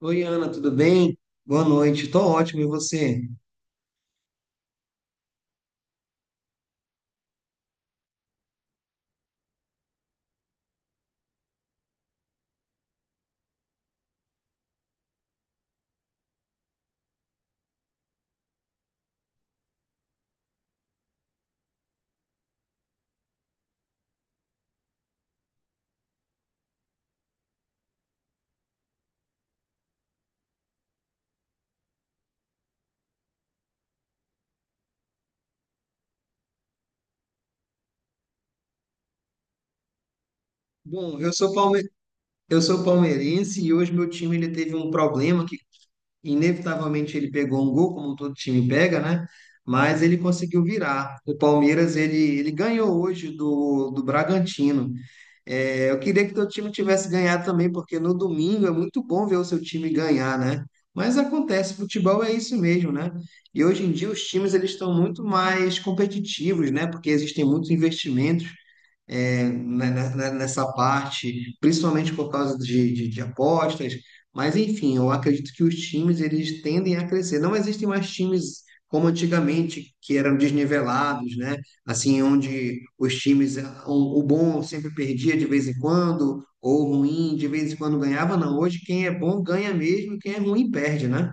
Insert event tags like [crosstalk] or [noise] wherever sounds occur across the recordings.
Oi, Ana, tudo bem? Boa noite. Tô ótimo, e você? Bom, eu sou palmeirense e hoje meu time ele teve um problema que inevitavelmente ele pegou um gol, como todo time pega, né? Mas ele conseguiu virar. O Palmeiras ele ganhou hoje do Bragantino. É, eu queria que teu time tivesse ganhado também, porque no domingo é muito bom ver o seu time ganhar, né? Mas acontece, futebol é isso mesmo, né? E hoje em dia os times eles estão muito mais competitivos, né? Porque existem muitos investimentos nessa parte, principalmente por causa de apostas. Mas, enfim, eu acredito que os times eles tendem a crescer. Não existem mais times como antigamente, que eram desnivelados, né? Assim, onde os times, o bom sempre perdia de vez em quando, ou o ruim de vez em quando ganhava. Não, hoje quem é bom ganha mesmo, quem é ruim perde, né?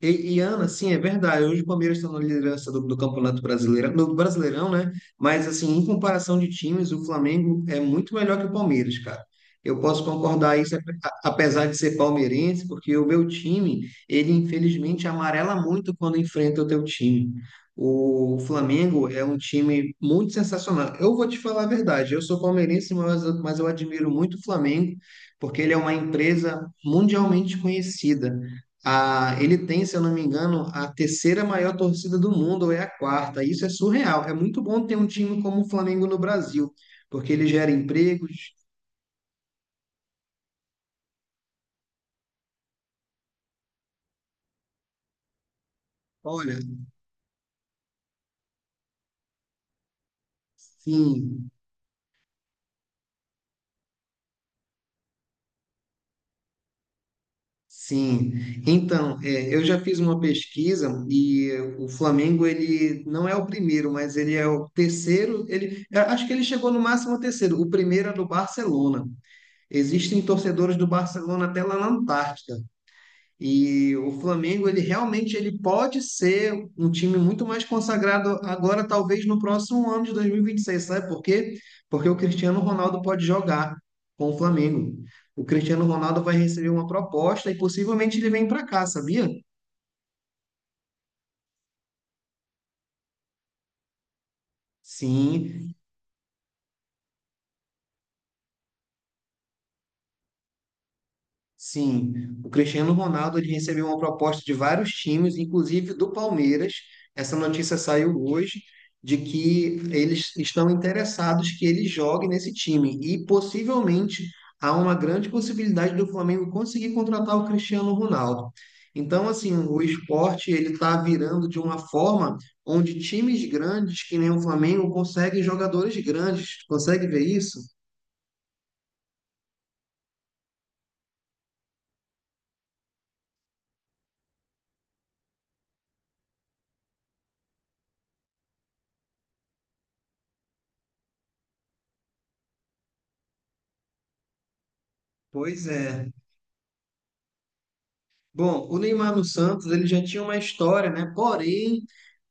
Ana, sim, é verdade. Hoje o Palmeiras está na liderança do Campeonato Brasileiro, do Brasileirão, né? Mas, assim, em comparação de times, o Flamengo é muito melhor que o Palmeiras, cara. Eu posso concordar isso, apesar de ser palmeirense, porque o meu time, ele infelizmente amarela muito quando enfrenta o teu time. O Flamengo é um time muito sensacional. Eu vou te falar a verdade, eu sou palmeirense, mas eu admiro muito o Flamengo, porque ele é uma empresa mundialmente conhecida. A, ele tem, se eu não me engano, a terceira maior torcida do mundo, ou é a quarta. Isso é surreal. É muito bom ter um time como o Flamengo no Brasil, porque ele gera empregos. Olha, sim, sim. Então, é, eu já fiz uma pesquisa e o Flamengo, ele não é o primeiro, mas ele é o terceiro. Ele, eu acho que ele chegou no máximo ao terceiro. O primeiro é do Barcelona. Existem torcedores do Barcelona até lá na Antártica. E o Flamengo, ele realmente ele pode ser um time muito mais consagrado agora, talvez no próximo ano de 2026, sabe por quê? Porque o Cristiano Ronaldo pode jogar com o Flamengo. O Cristiano Ronaldo vai receber uma proposta e possivelmente ele vem para cá, sabia? Sim, sim, o Cristiano Ronaldo ele recebeu uma proposta de vários times, inclusive do Palmeiras. Essa notícia saiu hoje de que eles estão interessados que ele jogue nesse time e possivelmente há uma grande possibilidade do Flamengo conseguir contratar o Cristiano Ronaldo. Então, assim, o esporte ele está virando de uma forma onde times grandes, que nem o Flamengo, conseguem jogadores grandes. Consegue ver isso? Pois é. Bom, o Neymar no Santos, ele já tinha uma história, né? Porém,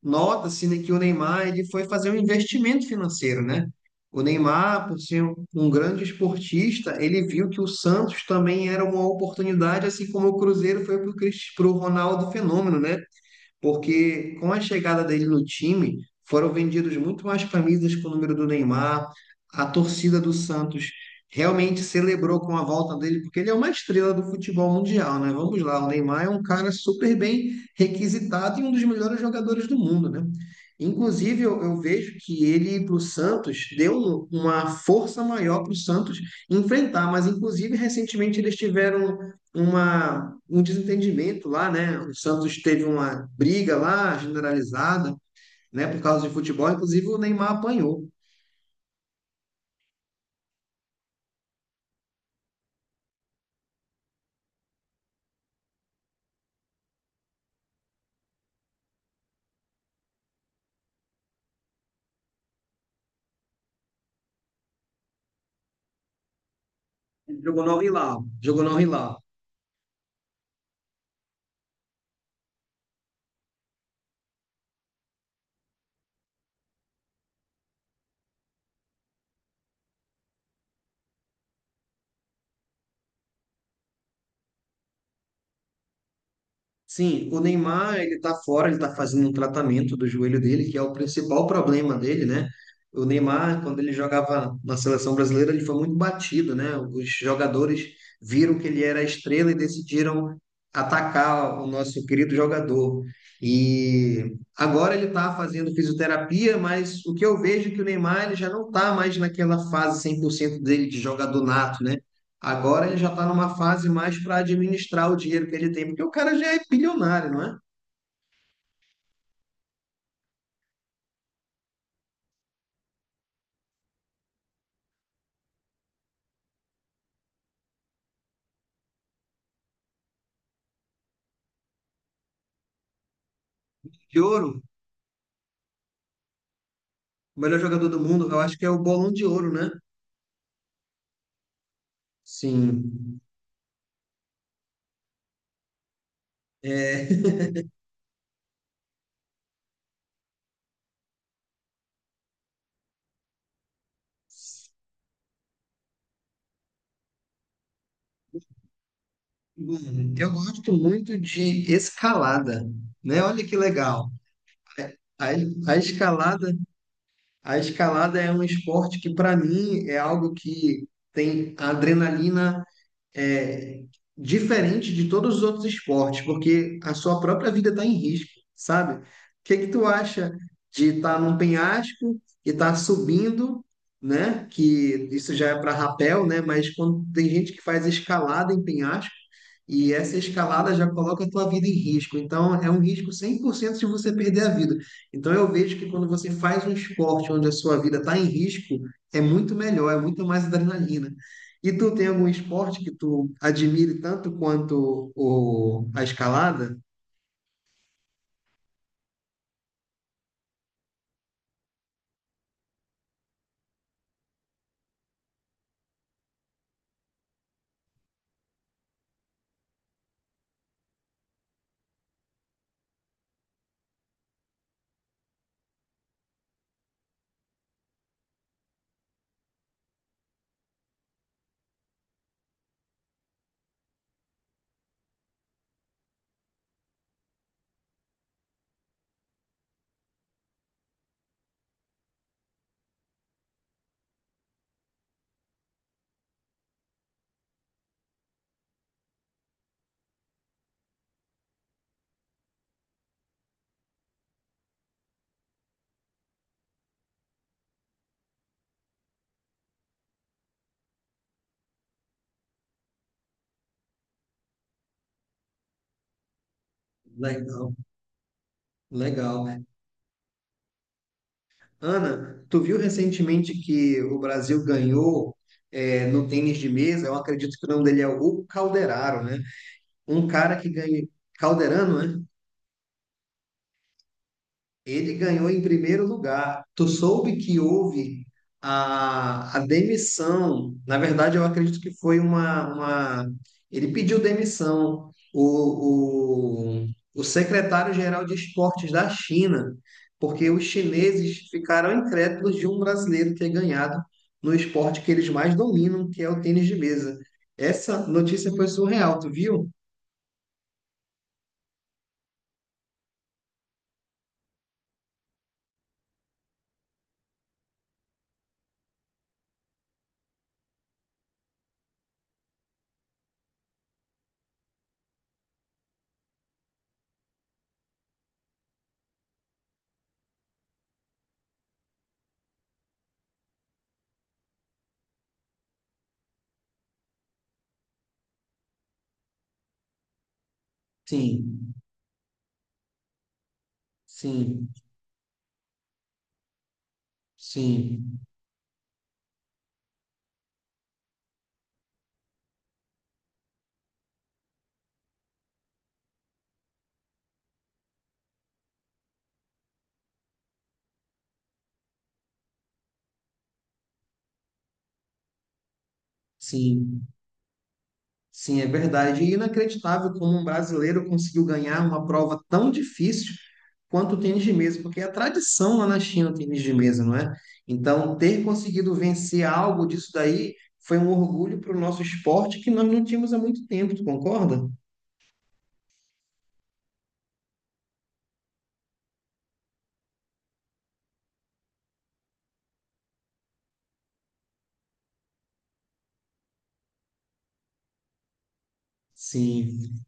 nota-se, né, que o Neymar ele foi fazer um investimento financeiro, né? O Neymar, por ser um grande esportista, ele viu que o Santos também era uma oportunidade, assim como o Cruzeiro foi para o Ronaldo Fenômeno, né? Porque com a chegada dele no time, foram vendidos muito mais camisas com o número do Neymar, a torcida do Santos realmente celebrou com a volta dele, porque ele é uma estrela do futebol mundial, né? Vamos lá, o Neymar é um cara super bem requisitado e um dos melhores jogadores do mundo, né? Inclusive, eu vejo que ele para o Santos deu uma força maior para o Santos enfrentar, mas inclusive recentemente eles tiveram uma, um desentendimento lá, né? O Santos teve uma briga lá generalizada, né? Por causa de futebol, inclusive o Neymar apanhou. Ele jogou no Al Hilal, jogou no Al Hilal. Sim, o Neymar, ele tá fora, ele tá fazendo um tratamento do joelho dele, que é o principal problema dele, né? O Neymar, quando ele jogava na seleção brasileira, ele foi muito batido, né? Os jogadores viram que ele era a estrela e decidiram atacar o nosso querido jogador. E agora ele tá fazendo fisioterapia, mas o que eu vejo é que o Neymar ele já não tá mais naquela fase 100% dele de jogador nato, né? Agora ele já está numa fase mais para administrar o dinheiro que ele tem, porque o cara já é bilionário, não é? De ouro, o melhor jogador do mundo, eu acho que é o Bolão de Ouro, né? Sim. É, [laughs] eu gosto muito de escalada, né? Olha que legal. A, a escalada, a escalada é um esporte que para mim é algo que tem adrenalina é, diferente de todos os outros esportes, porque a sua própria vida está em risco, sabe? O que que tu acha de estar num penhasco e estar subindo, né? Que isso já é para rapel, né? Mas quando tem gente que faz escalada em penhasco e essa escalada já coloca a tua vida em risco. Então é um risco 100% de você perder a vida. Então eu vejo que quando você faz um esporte onde a sua vida está em risco, é muito melhor, é muito mais adrenalina. E tu tem algum esporte que tu admire tanto quanto a escalada? Legal, legal. Né? Ana, tu viu recentemente que o Brasil ganhou no tênis de mesa? Eu acredito que o nome dele é o Calderaro, né? Um cara que ganhou. Calderano, né? Ele ganhou em primeiro lugar. Tu soube que houve a demissão. Na verdade, eu acredito que foi uma... Ele pediu demissão. O secretário-geral de esportes da China, porque os chineses ficaram incrédulos de um brasileiro ter ganhado no esporte que eles mais dominam, que é o tênis de mesa. Essa notícia foi surreal, tu viu? Sim, sim, sim, sim. Sim, é verdade. E inacreditável como um brasileiro conseguiu ganhar uma prova tão difícil quanto o tênis de mesa, porque é a tradição lá na China o tênis de mesa, não é? Então, ter conseguido vencer algo disso daí foi um orgulho para o nosso esporte que nós não tínhamos há muito tempo, tu concorda? Sim.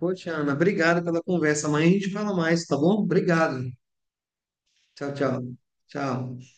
Poxa, Ana, obrigado pela conversa. Amanhã a gente fala mais, tá bom? Obrigado. Tchau, tchau. Tchau.